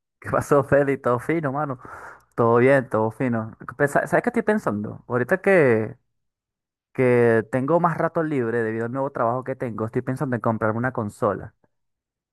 ¿Qué pasó, Feli? Todo fino, mano. Todo bien, todo fino. ¿Sabes qué estoy pensando? Ahorita que tengo más rato libre debido al nuevo trabajo que tengo, estoy pensando en comprarme una consola.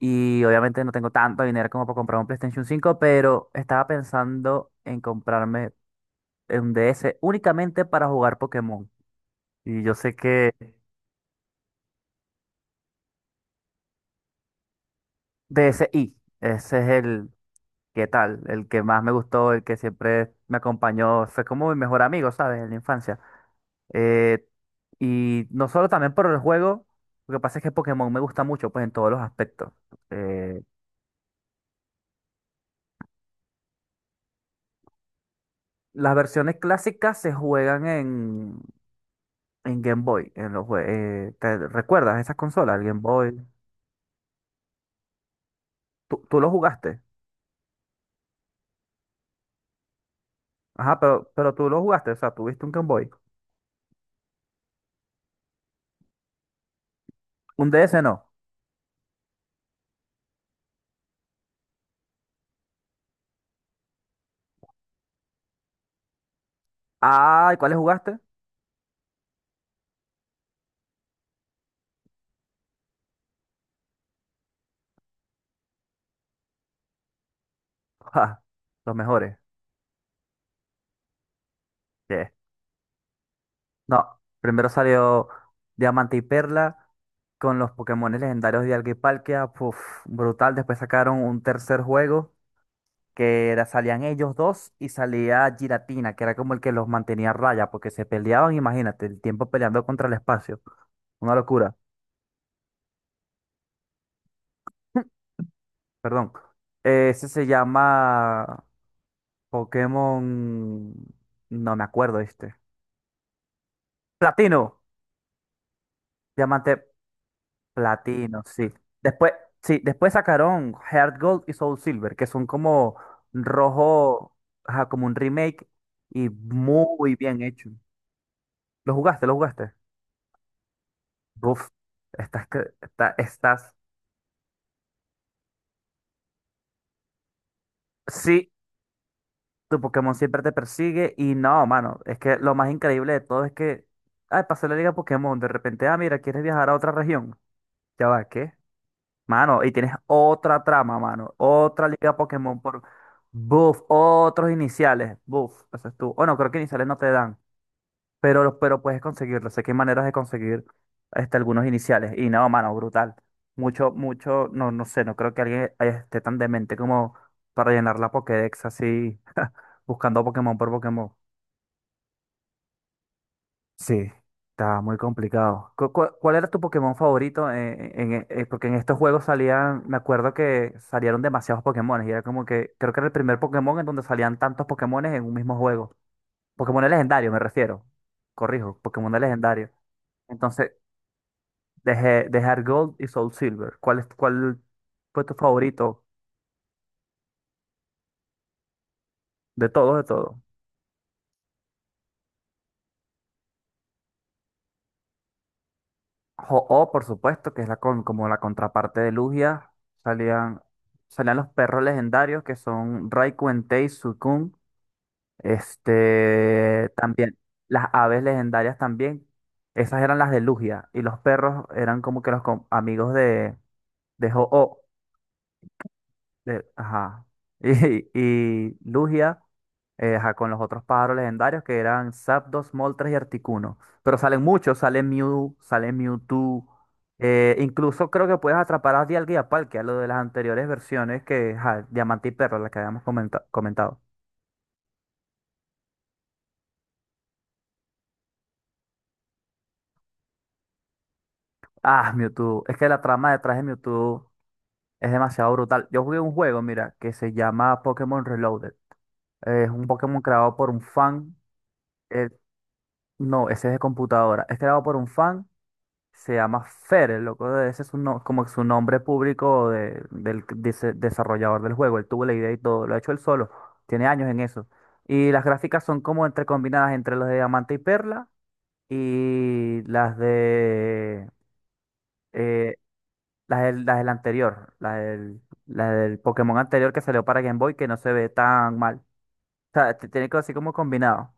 Y obviamente no tengo tanto dinero como para comprar un PlayStation 5, pero estaba pensando en comprarme un DS únicamente para jugar Pokémon. Y yo sé que DSi, ese es el, ¿qué tal? El que más me gustó, el que siempre me acompañó, fue como mi mejor amigo, ¿sabes? En la infancia. Eh, y no solo también por el juego, lo que pasa es que Pokémon me gusta mucho, pues en todos los aspectos. Eh, las versiones clásicas se juegan en Game Boy, en los ¿te recuerdas esas consolas, el Game Boy? ¿Tú lo jugaste? Ajá, pero tú lo jugaste, o sea, tuviste un Game Boy. Un DS no. Ah, ¿y cuáles jugaste? Ja, los mejores. Yeah. No, primero salió Diamante y Perla con los Pokémon legendarios de Dialga y Palkia, puf, brutal. Después sacaron un tercer juego que era, salían ellos dos y salía Giratina, que era como el que los mantenía a raya, porque se peleaban, imagínate, el tiempo peleando contra el espacio. Una locura. Perdón. Ese se llama Pokémon... No me acuerdo este. Platino. Diamante. Platino, sí. Después, sí, después sacaron Heart Gold y Soul Silver, que son como rojo, ajá, como un remake y muy bien hecho. ¿Lo jugaste? ¿Lo jugaste? Uf, estás que, estás. Sí, tu Pokémon siempre te persigue y no, mano, es que lo más increíble de todo es que, ay, pasé la liga Pokémon, de repente, ah, mira, ¿quieres viajar a otra región? Ya va, ¿qué? Mano, y tienes otra trama, mano. Otra liga Pokémon por... Buf, otros iniciales. Buf, eso es tú. Bueno, creo que iniciales no te dan, pero puedes conseguirlo. Sé que hay maneras de conseguir este, algunos iniciales. Y no, mano, brutal. No, no creo que alguien esté tan demente como para llenar la Pokédex así, buscando Pokémon por Pokémon. Sí, está muy complicado. ¿Cuál era tu Pokémon favorito? En- porque en estos juegos salían, me acuerdo que salieron demasiados Pokémones y era como que, creo que era el primer Pokémon en donde salían tantos Pokémones en un mismo juego. Pokémon legendarios, me refiero. Corrijo, Pokémon legendarios. Entonces, dejé, dejar Gold y Soul Silver. ¿Cuál es, cuál fue tu favorito de todos, de todos? O, por supuesto, que es la con, como la contraparte de Lugia, salían, salían los perros legendarios que son Raikuen, Tei, Suicune, este, también las aves legendarias también, esas eran las de Lugia, y los perros eran como que los com- amigos de ho de- ajá. Y, y Lugia, ajá, con los otros pájaros legendarios que eran Zapdos, Moltres y Articuno. Pero salen muchos, sale Mew, sale Mewtwo. Incluso creo que puedes atrapar a Dialga y a Palkia, lo de las anteriores versiones que, ajá, Diamante y Perla, la que habíamos comentado. Ah, Mewtwo. Es que la trama detrás de Mewtwo es demasiado brutal. Yo jugué un juego, mira, que se llama Pokémon Reloaded. Es un Pokémon creado por un fan. eh, no, ese es de computadora. Es creado por un fan. Se llama Fer, el loco de ese es un como su nombre público del de ese desarrollador del juego. Él tuvo la idea y todo, lo ha hecho él solo. Tiene años en eso. Y las gráficas son como entre combinadas entre las de Diamante y Perla y las de eh, las del anterior, las del Pokémon anterior que salió para Game Boy que no se ve tan mal. O sea, te- tiene que así como combinado.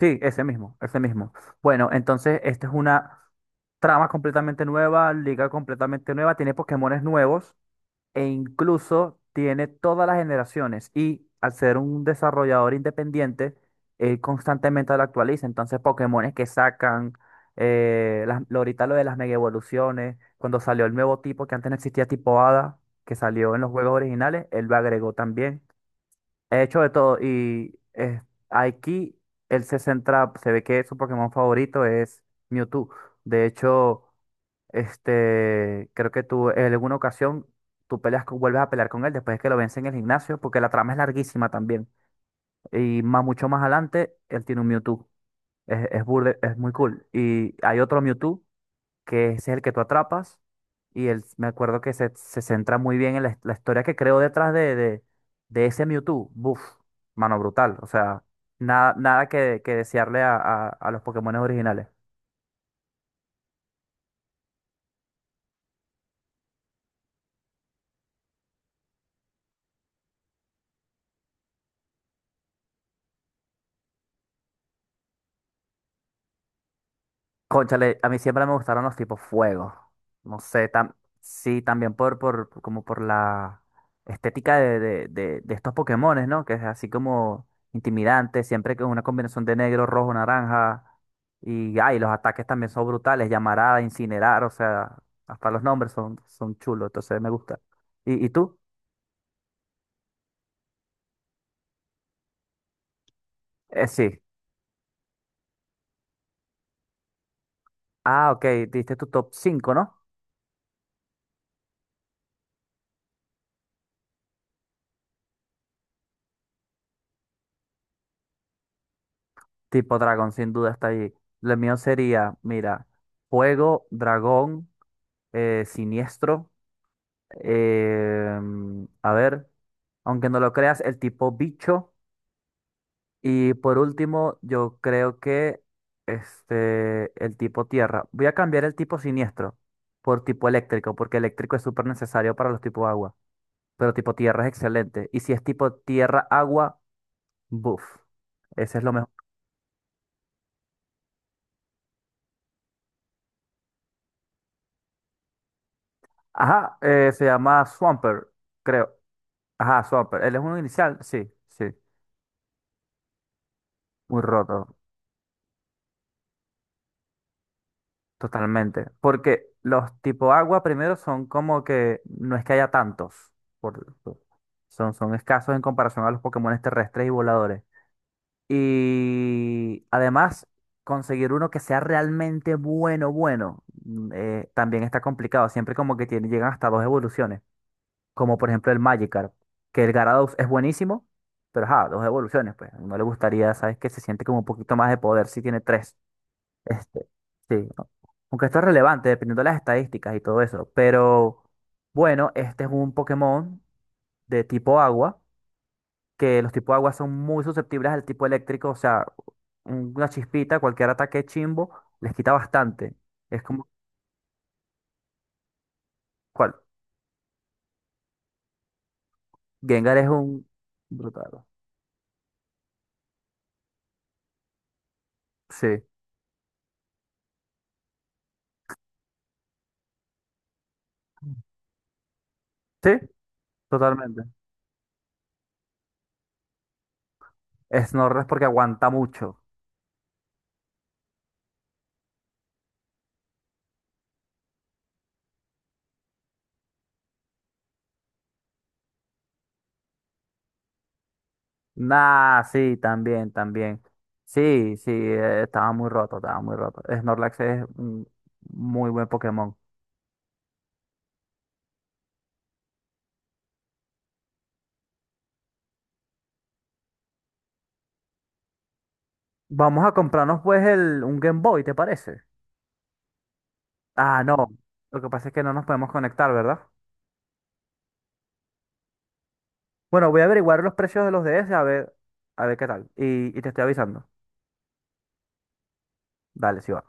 Sí, ese mismo, ese mismo. Bueno, entonces esta es una trama completamente nueva, liga completamente nueva, tiene Pokémones nuevos e incluso tiene todas las generaciones. Y al ser un desarrollador independiente, él constantemente lo actualiza. Entonces, Pokémones que sacan, las- lo- ahorita lo de las mega evoluciones, cuando salió el nuevo tipo que antes no existía, tipo Hada, que salió en los juegos originales, él lo agregó también. He hecho de todo y aquí él se centra, se ve que su Pokémon favorito es Mewtwo. De hecho, este, creo que tú en alguna ocasión tú peleas vuelves a pelear con él después de que lo vence en el gimnasio, porque la trama es larguísima también. Y más mucho más adelante, él tiene un Mewtwo. Es, es muy cool. Y hay otro Mewtwo que ese es el que tú atrapas. Y él, me acuerdo que se centra muy bien en la, la historia que creó detrás de ese Mewtwo. Buf, mano brutal. O sea, nada que, que desearle a los Pokémon originales. Cónchale, a mí siempre me gustaron los tipos fuego. No sé, tam- sí, también como por la estética de estos Pokémones, ¿no? Que es así como intimidante, siempre que es una combinación de negro, rojo, naranja. Y ay, los ataques también son brutales, llamarada, incinerar, o sea, hasta los nombres son, son chulos, entonces me gusta. Y tú? Sí. Ah, ok, diste tu top cinco ¿no? Tipo dragón, sin duda está ahí. Lo mío sería, mira, fuego, dragón. Siniestro. A ver, aunque no lo creas, el tipo bicho. Y por último, yo creo que este, el tipo tierra. Voy a cambiar el tipo siniestro por tipo eléctrico, porque eléctrico es súper necesario para los tipos agua. Pero tipo tierra es excelente. Y si es tipo tierra, agua, buff. Ese es lo mejor. Ajá, se llama Swamper, creo. Ajá, Swamper. ¿Él es un inicial? Sí, sí. Muy roto. Totalmente, porque los tipo agua primero son como que no es que haya tantos, por- son, son escasos en comparación a los Pokémones terrestres y voladores. Y además, conseguir uno que sea realmente bueno, bueno, también está complicado, siempre como que tiene, llegan hasta dos evoluciones, como por ejemplo el Magikarp, que el Gyarados es buenísimo, pero ajá, dos evoluciones, pues no le gustaría, sabes que se siente como un poquito más de poder si tiene tres. Este, sí, ¿no? Aunque esto es relevante dependiendo de las estadísticas y todo eso. Pero bueno, este es un Pokémon de tipo agua, que los tipos agua son muy susceptibles al tipo eléctrico, o sea, una chispita, cualquier ataque chimbo, les quita bastante. Es como, ¿cuál? Gengar es un brutal. Sí, sí, totalmente. Snorlax porque aguanta mucho. Nah, sí, también, también. Sí, sí, estaba muy roto, estaba muy roto. Snorlax es un muy buen Pokémon. Vamos a comprarnos pues el, un Game Boy, ¿te parece? Ah, no. Lo que pasa es que no nos podemos conectar, ¿verdad? Bueno, voy a averiguar los precios de los DS a ver qué tal. Y te estoy avisando. Dale, sí va.